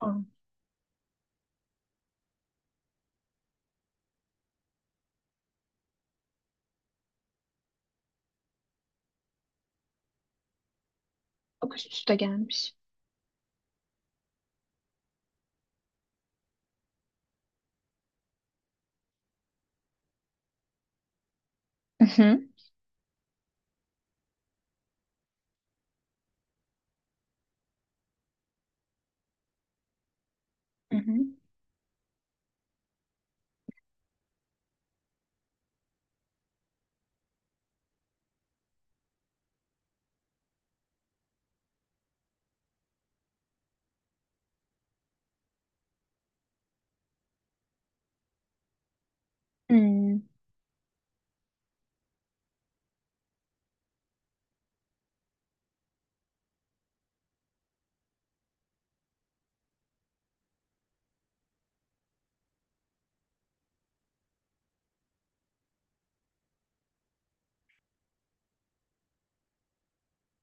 Aa, bak üst üste gelmiş. Hı hı. Hı hı. Hmm.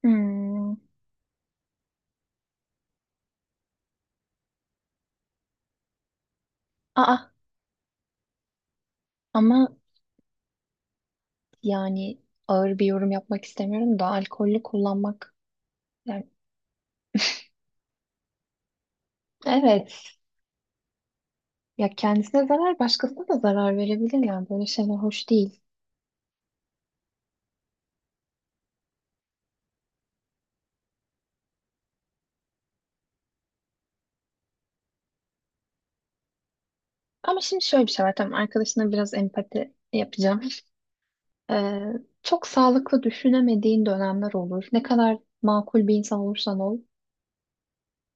Hmm. Aa, ama yani ağır bir yorum yapmak istemiyorum da alkollü kullanmak... Yani evet, ya kendisine zarar başkasına da zarar verebilir, yani böyle şeyler hoş değil. Ama şimdi şöyle bir şey var, tamam, arkadaşına biraz empati yapacağım. Ee, Çok sağlıklı düşünemediğin dönemler olur. Ne kadar makul bir insan olursan ol.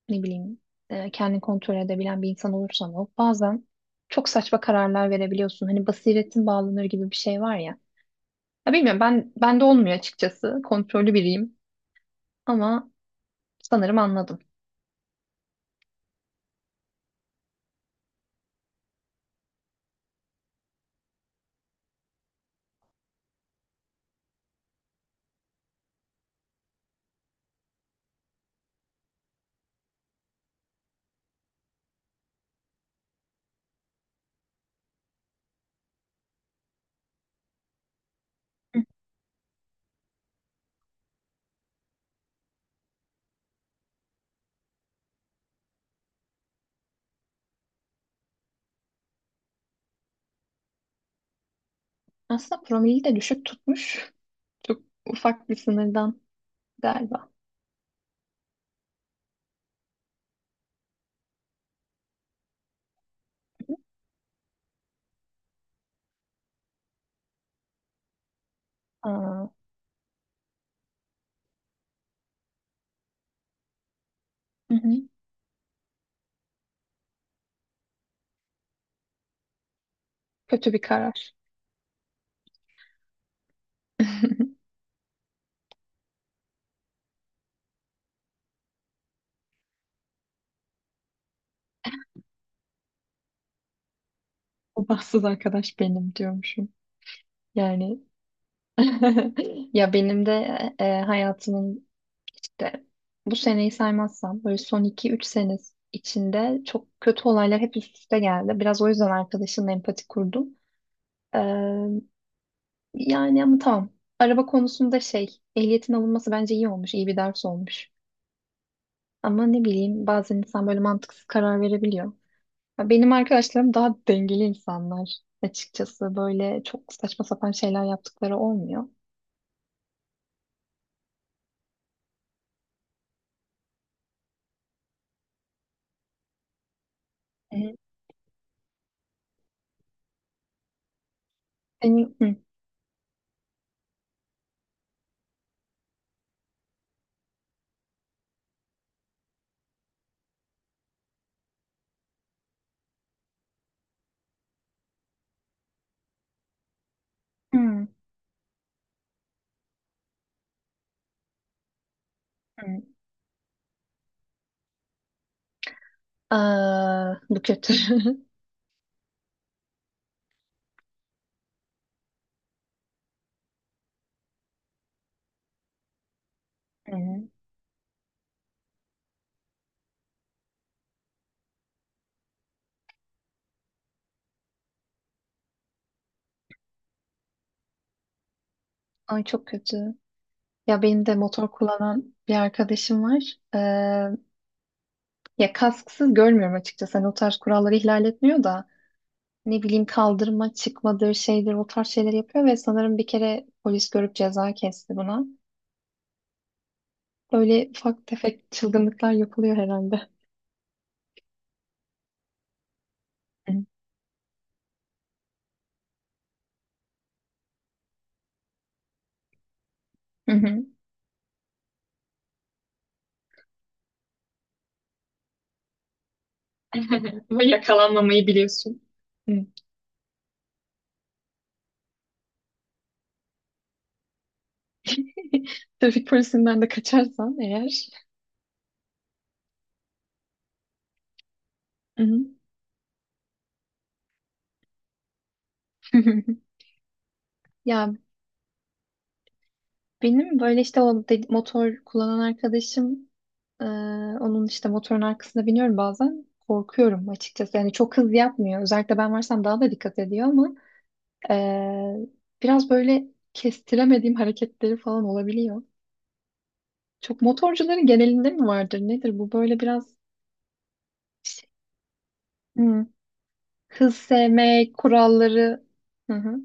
Ne bileyim, kendini kontrol edebilen bir insan olursan ol. Bazen çok saçma kararlar verebiliyorsun. Hani basiretin bağlanır gibi bir şey var ya. Ya bilmiyorum, ben bende olmuyor açıkçası. Kontrollü biriyim ama sanırım anladım. Hı. Aslında promili de düşük tutmuş. Çok ufak bir sınırdan galiba. Aa, hı hı, kötü bir karar. O bahtsız arkadaş benim diyormuşum. Yani ya benim de hayatımın... İşte bu seneyi saymazsam böyle son iki üç sene içinde çok kötü olaylar hep üst üste geldi. Biraz o yüzden arkadaşımla empati kurdum. Ee, Yani ama tamam. Araba konusunda şey, ehliyetin alınması bence iyi olmuş, iyi bir ders olmuş. Ama ne bileyim, bazen insan böyle mantıksız karar verebiliyor. Ya benim arkadaşlarım daha dengeli insanlar açıkçası. Böyle çok saçma sapan şeyler yaptıkları olmuyor. Hı hı. Senin... hı, hı. Aa, bu kötü. Hı. Ay, çok kötü. Ya benim de motor kullanan bir arkadaşım var. Ya kasksız görmüyorum açıkçası. Hani o tarz kuralları ihlal etmiyor da ne bileyim, kaldırma çıkmadır şeydir, o tarz şeyler yapıyor ve sanırım bir kere polis görüp ceza kesti buna. Böyle ufak tefek çılgınlıklar yapılıyor herhalde. Hı hı. Ama yakalanmamayı biliyorsun. Hı. Trafik polisinden de kaçarsan eğer. Hı hı. Ya benim böyle işte motor kullanan arkadaşım... Ee, Onun işte motorun arkasına biniyorum bazen. Korkuyorum açıkçası. Yani çok hız yapmıyor. Özellikle ben varsam daha da dikkat ediyor ama ee, biraz böyle kestiremediğim hareketleri falan olabiliyor. Çok motorcuların genelinde mi vardır? Nedir bu? Böyle biraz şey- Hı. hız sevmek, kuralları... Hı hı.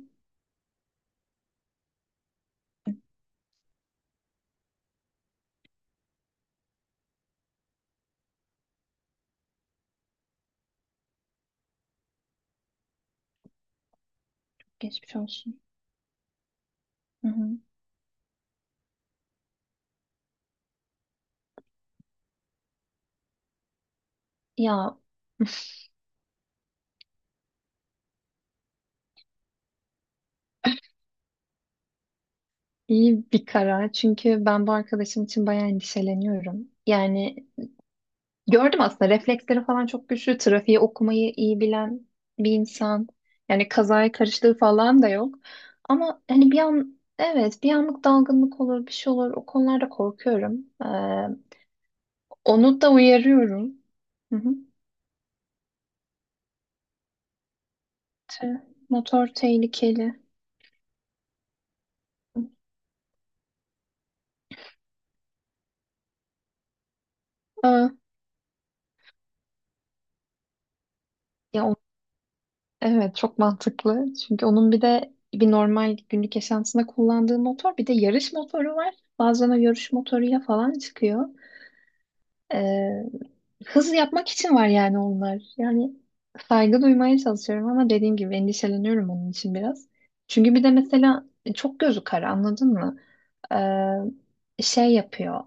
Geçmiş olsun. Hı hı. Ya iyi bir karar. Çünkü ben bu arkadaşım için bayağı endişeleniyorum. Yani gördüm, aslında refleksleri falan çok güçlü. Trafiği okumayı iyi bilen bir insan. Yani kazaya karıştığı falan da yok. Ama hani bir an, evet, bir anlık dalgınlık olur, bir şey olur. O konularda korkuyorum. Onu da uyarıyorum. Hı hı. Te-... Motor tehlikeli. Aa, ya o- evet, çok mantıklı. Çünkü onun bir de bir normal günlük yaşantısında kullandığı motor, bir de yarış motoru var. Bazen o yarış motoru ya falan çıkıyor. Ee, Hız yapmak için var yani onlar. Yani saygı duymaya çalışıyorum ama dediğim gibi endişeleniyorum onun için biraz. Çünkü bir de mesela çok gözü kara, anladın mı? Şey yapıyor.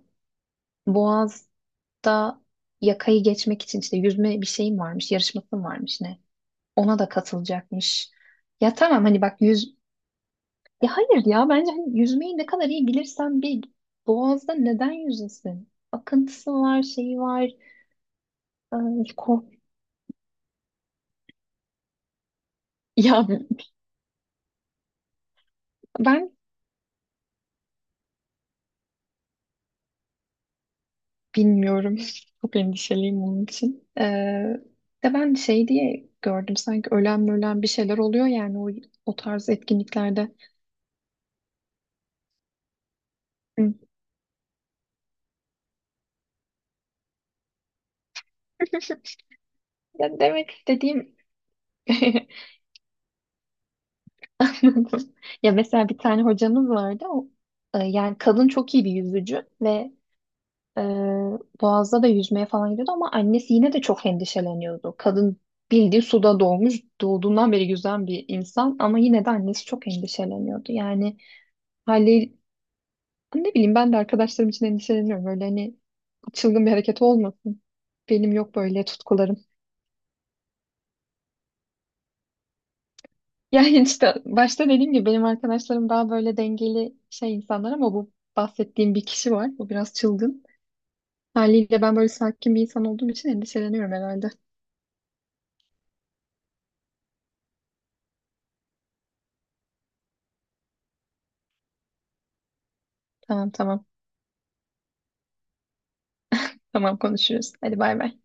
Boğaz'da yakayı geçmek için işte yüzme bir şeyim varmış, yarışmasım varmış ne. Ona da katılacakmış. Ya tamam, hani bak, yüz... Ya hayır ya, bence hani yüzmeyi ne kadar iyi bilirsen bil, Boğaz'da neden yüzesin? Akıntısı var, şeyi var. Ay, korkunç. Ya ben bilmiyorum. Çok endişeliyim onun için. De ben şey diye gördüm, sanki ölen ölen bir şeyler oluyor yani o, o tarz etkinliklerde. Hı. Ya demek istediğim... anladım. Ya mesela bir tane hocamız vardı. O, yani kadın çok iyi bir yüzücü ve e, Boğaz'da da yüzmeye falan gidiyordu ama annesi yine de çok endişeleniyordu. Kadın bildiği suda doğmuş, doğduğundan beri yüzen bir insan ama yine de annesi çok endişeleniyordu. Yani haliyle ne bileyim, ben de arkadaşlarım için endişeleniyorum. Böyle hani çılgın bir hareket olmasın. Benim yok böyle tutkularım. Yani işte başta dediğim gibi benim arkadaşlarım daha böyle dengeli şey insanlar ama bu bahsettiğim bir kişi var. Bu biraz çılgın. Haliyle ben böyle sakin bir insan olduğum için endişeleniyorum herhalde. Tamam tamam. Tamam, konuşuruz. Hadi bay bay.